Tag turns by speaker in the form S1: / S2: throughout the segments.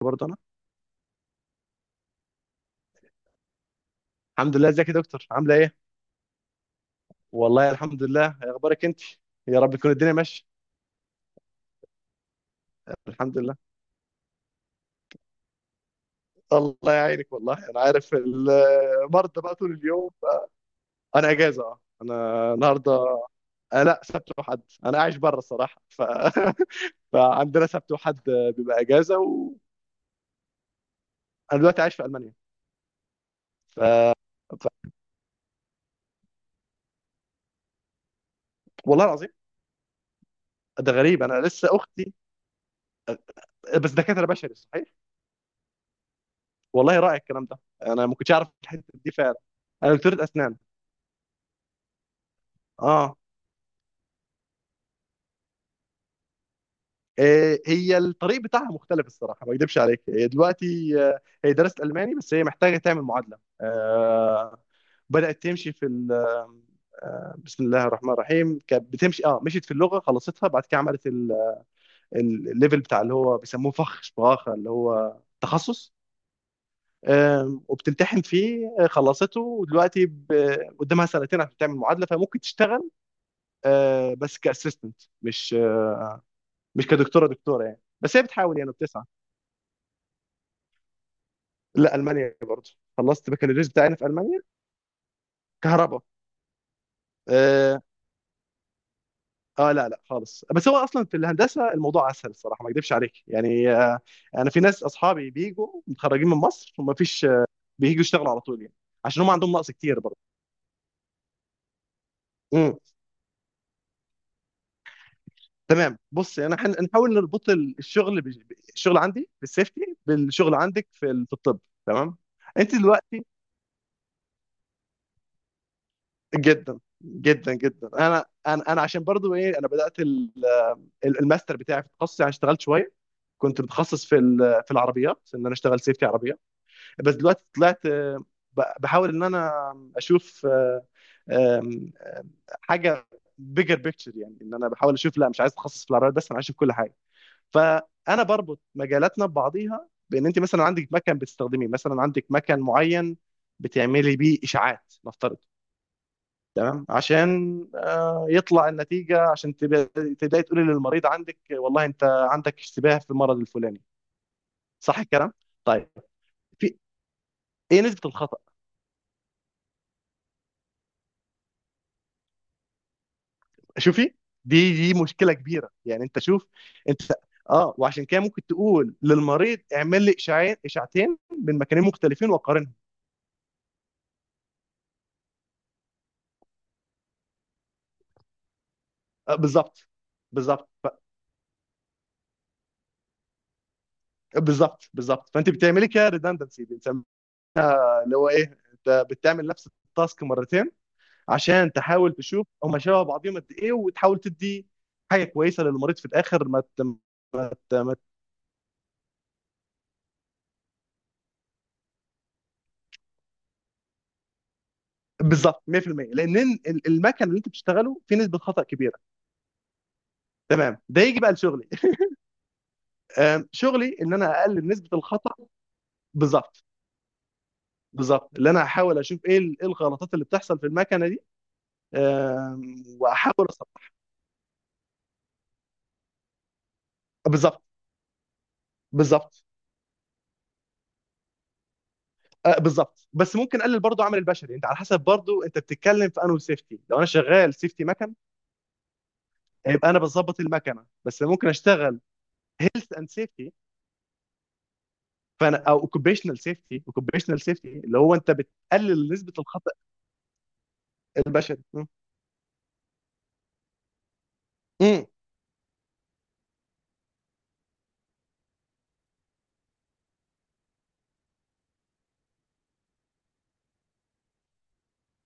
S1: برضه انا. الحمد لله، ازيك يا دكتور؟ عامله ايه؟ والله الحمد لله، إيه اخبارك انت؟ يا رب تكون الدنيا ماشيه. الحمد لله. الله يعينك، والله انا عارف المرضى بقى طول اليوم. انا اجازه، اه انا النهارده. آه لا، سبت وحد. انا عايش بره الصراحه، فعندنا سبت وحد بيبقى اجازه. وانا دلوقتي عايش في المانيا. ف... ف... والله العظيم ده غريب. انا لسه اختي، بس دكاتره بشري صحيح. والله رائع الكلام ده، انا ما كنتش اعرف الحته دي فعلا. انا دكتوره اسنان. اه، هي الطريق بتاعها مختلف الصراحه، ما اكدبش عليك. هي دلوقتي هي درست الماني، بس هي محتاجه تعمل معادله. بدات تمشي في بسم الله الرحمن الرحيم. كانت بتمشي، اه مشيت في اللغه خلصتها، بعد كده عملت الليفل بتاع اللي هو بيسموه فخ شباخه، اللي هو تخصص. وبتمتحن فيه. خلصته، ودلوقتي قدامها سنتين عشان تعمل معادله، فممكن تشتغل، بس كاسيستنت، مش كدكتوره. دكتوره يعني، بس هي بتحاول، يعني بتسعى. لا، المانيا. خلصت بكالوريوس بتاعنا في المانيا. كهرباء. اه. لا لا خالص، بس هو اصلا في الهندسه الموضوع اسهل الصراحه، ما اكذبش عليك يعني. آه، انا في ناس اصحابي بيجوا متخرجين من مصر وما فيش بييجوا يشتغلوا على طول يعني. عشان هم عندهم نقص كتير برضه. امم، تمام. بص، انا هنحاول نربط الشغل الشغل عندي في السيفتي بالشغل عندك في في الطب. تمام. انت دلوقتي جدا جدا جدا. انا انا عشان برضو ايه، انا بدات الماستر بتاعي في تخصصي، يعني اشتغلت شويه. كنت متخصص في في العربيات، ان انا اشتغل سيفتي عربيه. بس دلوقتي طلعت، بحاول ان انا اشوف آه، آم، حاجه بيجر بيكتشر، يعني ان انا بحاول اشوف. لا، مش عايز اتخصص في العربيات بس، انا عايز اشوف كل حاجه. فانا بربط مجالاتنا ببعضيها. بان انت مثلا عندك مكان بتستخدميه، مثلا عندك مكان معين بتعملي بيه اشاعات نفترض. تمام. عشان يطلع النتيجه، عشان تبداي تقولي للمريض: عندك والله انت عندك اشتباه في المرض الفلاني. صح الكلام؟ طيب، في ايه نسبة الخطأ؟ شوفي، دي مشكلة كبيرة. يعني انت شوف انت. اه، وعشان كده ممكن تقول للمريض: اعمل لي اشعاعين، اشعتين من مكانين مختلفين وقارنهم. آه بالظبط بالظبط. بالظبط بالظبط. فانت بتعملي كده ريدندنسي بنسميها، اللي هو ايه، انت بتعمل نفس التاسك مرتين عشان تحاول تشوف هما شبه بعضهم قد ايه، وتحاول تدي حاجه كويسه للمريض في الاخر. ما ت... ما ت... ما ت... بالظبط 100%. لان المكن اللي انت بتشتغله فيه نسبه خطا كبيره. تمام، ده يجي بقى لشغلي. شغلي ان انا اقلل نسبه الخطا. بالظبط بالظبط، اللي انا هحاول اشوف ايه إيه الغلطات اللي بتحصل في المكنه دي، واحاول اصلحها. بالظبط بالظبط. بالظبط، بس ممكن اقلل برضو عمل البشري. انت على حسب برضو انت بتتكلم في انو سيفتي، لو انا شغال سيفتي مكن يبقى انا بظبط المكنه، بس ممكن اشتغل هيلث اند سيفتي، فانا او اوكوبيشنال سيفتي. اوكوبيشنال سيفتي اللي هو انت بتقلل نسبه الخطا البشري. م- م-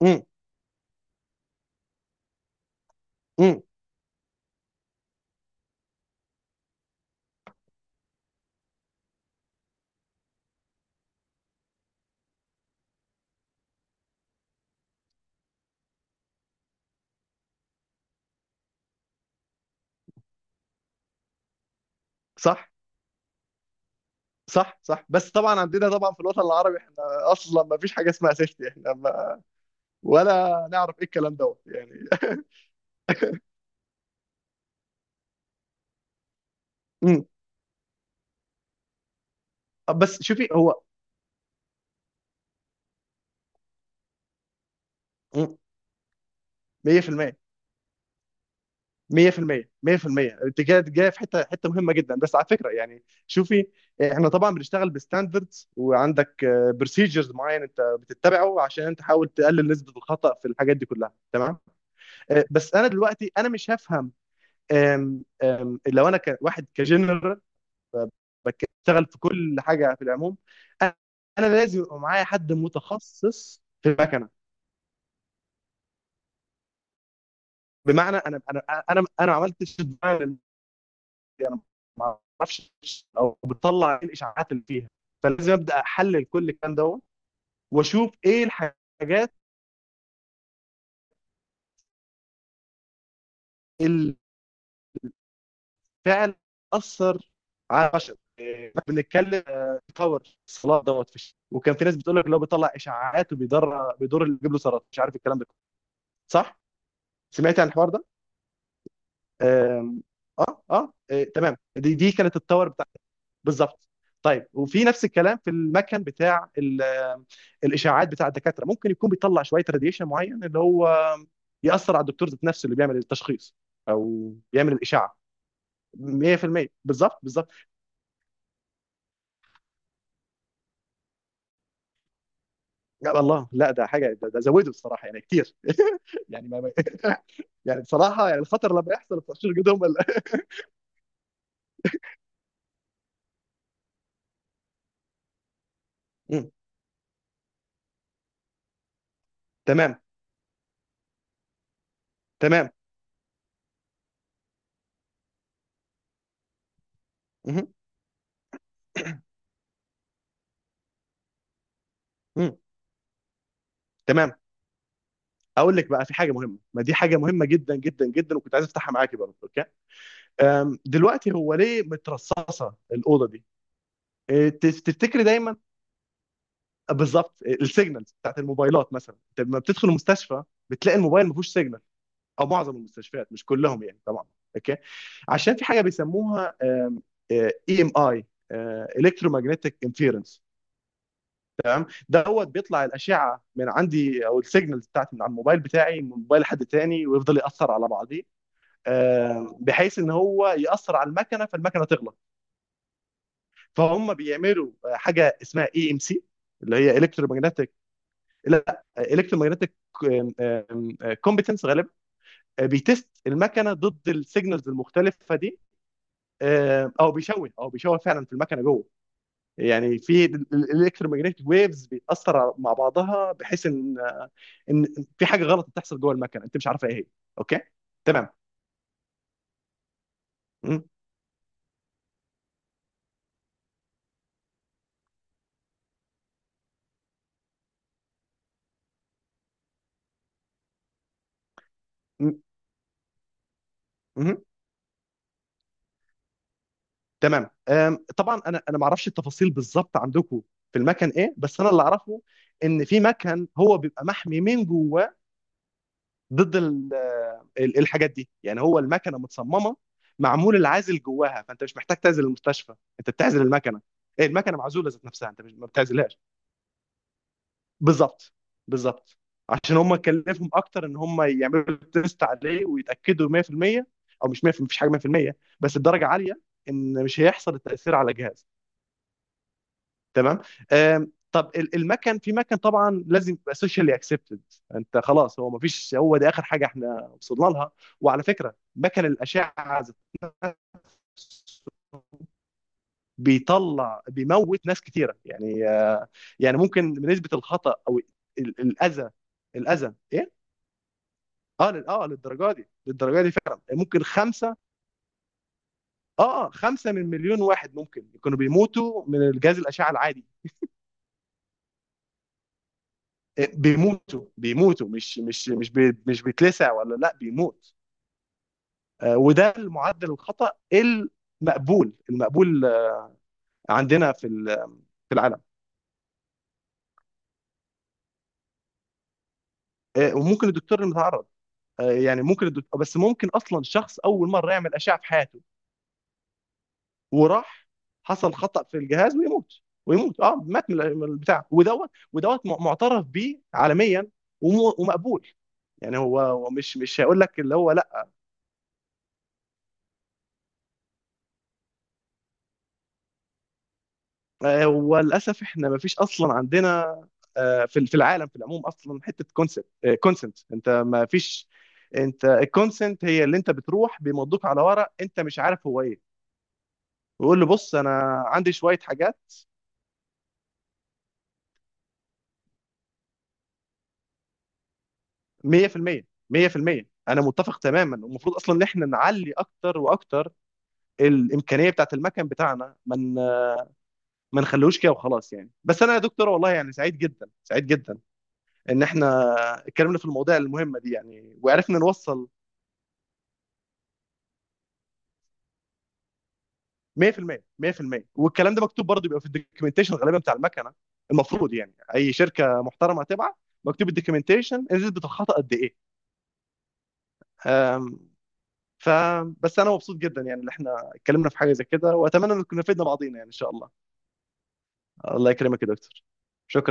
S1: م- م. صح صح صح، بس طبعا عندنا، طبعا في الوطن العربي احنا اصلا ما فيش حاجه اسمها سيفتي. احنا ما ولا نعرف ايه الكلام دوت يعني. مم. بس شوفي هو. مم. 100% 100% 100%. انت كده جايه في حته مهمه جدا، بس على فكره يعني. شوفي، احنا طبعا بنشتغل بستاندردز، وعندك بروسيجرز معين انت بتتبعه عشان تحاول تقلل نسبه الخطا في الحاجات دي كلها. تمام. بس انا دلوقتي انا مش هفهم. آم، آم، لو انا كواحد كجنرال بشتغل في كل حاجه في العموم، انا لازم يبقى معايا حد متخصص في المكنه. بمعنى انا ما عملتش الديزاين، انا ما اعرفش او بطلع ايه الاشاعات اللي فيها، فلازم ابدا احلل كل الكلام ده واشوف ايه الحاجات اللي فعلا اثر على البشر. بنتكلم كفر الصلاه دوت في الشتاء. وكان في ناس بتقول لك: لو بيطلع اشاعات وبيضر، بيضر اللي بيجيب له سرطان، مش عارف الكلام ده كله. صح؟ سمعت عن الحوار ده؟ آم، اه اه، تمام. دي كانت التاور بتاعتي بالظبط. طيب، وفي نفس الكلام في المكن بتاع ال- آه، الاشاعات بتاع الدكاتره، ممكن يكون بيطلع شويه راديشن معين اللي هو ياثر على الدكتور ذات نفسه اللي بيعمل التشخيص او بيعمل الاشاعه. 100% بالظبط بالظبط. يا الله، لا ده حاجه، ده ده زوده الصراحه يعني كتير. يعني ما ما- يعني بصراحه، يعني الخطر لما يحصل التشخيص جدهم ولا- مم. تمام تمام. مهم. مم. تمام. اقول لك بقى في حاجه مهمه، ما دي حاجه مهمه جدا جدا جدا، وكنت عايز افتحها معاكي برضه. اوكي. دلوقتي هو ليه مترصصه الاوضه دي؟ تفتكري دايما؟ بالظبط. السيجنالز بتاعت الموبايلات مثلا، انت لما بتدخل المستشفى بتلاقي الموبايل ما فيهوش سيجنال، او معظم المستشفيات، مش كلهم يعني طبعا. اوكي. عشان في حاجه بيسموها اي ام اي، الكترومagnetic انفيرنس دوت. بيطلع الاشعه من عندي، او السيجنالز بتاعت من على الموبايل بتاعي من موبايل حد تاني، ويفضل ياثر على بعضيه. بحيث ان هو ياثر على المكنه، فالمكنه تغلق. فهم بيعملوا حاجه اسمها اي ام سي، اللي هي الكترومagnetic، لا الكترومagnetic كومبتنس غالبا. بيتست المكنه ضد السيجنالز المختلفه دي. او بيشوه فعلا في المكنه جوه، يعني في الالكترومagnetic ويفز بيتاثر على- مع بعضها، بحيث ان ان في حاجه غلط بتحصل جوه المكنه انت مش عارفه ايه هي. اوكي تمام. م- م- م- تمام. طبعا انا ما اعرفش التفاصيل بالظبط عندكم في المكن ايه، بس انا اللي اعرفه ان في مكن هو بيبقى محمي من جوه ضد الحاجات دي، يعني هو المكنه متصممه معمول العازل جواها، فانت مش محتاج تعزل المستشفى، انت بتعزل المكنه. ايه، المكنه معزوله ذات نفسها، انت مش ما بتعزلهاش. بالظبط بالظبط. عشان هم كلفهم اكتر ان هم يعملوا تيست عليه ويتاكدوا 100%. او مش 100%، مفيش حاجه 100%، بس بدرجه عاليه ان مش هيحصل التاثير على جهاز. تمام. طب المكن، في مكن طبعا لازم يبقى سوشيالي اكسبتد. انت خلاص، هو ما فيش، هو ده اخر حاجه احنا وصلنا لها. وعلى فكره مكن الاشعه ذات نفسه بيطلع، بيموت ناس كتيره يعني. يعني ممكن نسبه الخطا او الاذى، الاذى ايه؟ اه اه للدرجه دي، للدرجه دي فعلا يعني، ممكن خمسه، اه خمسه من مليون واحد ممكن يكونوا بيموتوا من الجهاز الاشعه العادي. بيموتوا، بيموتوا، مش بيتلسع، ولا لا بيموت. وده المعدل الخطا المقبول المقبول عندنا في في العالم. وممكن الدكتور المتعرض، يعني ممكن الدكتور، بس ممكن اصلا شخص اول مره يعمل اشعه في حياته وراح، حصل خطا في الجهاز ويموت. ويموت، اه، مات من البتاع، ودوت ودوت معترف بيه عالميا ومقبول. يعني هو مش مش هيقول لك اللي هو. وللاسف احنا ما فيش اصلا عندنا في في العالم في العموم اصلا حته كونسنت. كونسنت انت ما فيش، انت الكونسنت هي اللي انت بتروح بيمضوك على ورق انت مش عارف هو ايه، ويقول له بص انا عندي شويه حاجات. 100% 100% انا متفق تماما. المفروض اصلا ان احنا نعلي اكتر واكتر الامكانيه بتاعت المكن بتاعنا، ما ما نخلوش كده وخلاص يعني. بس انا يا دكتور، والله يعني سعيد جدا سعيد جدا ان احنا اتكلمنا في المواضيع المهمه دي يعني، وعرفنا نوصل. 100% 100%. والكلام ده مكتوب برضه، بيبقى في الدوكيومنتيشن غالبا بتاع المكنه. المفروض يعني اي شركه محترمه هتبعت مكتوب الدوكيومنتيشن نسبه الخطا قد ايه. أم، ف بس انا مبسوط جدا يعني ان احنا اتكلمنا في حاجه زي كده، واتمنى ان كنا فدنا بعضينا يعني ان شاء الله. الله يكرمك يا دكتور. شكرا.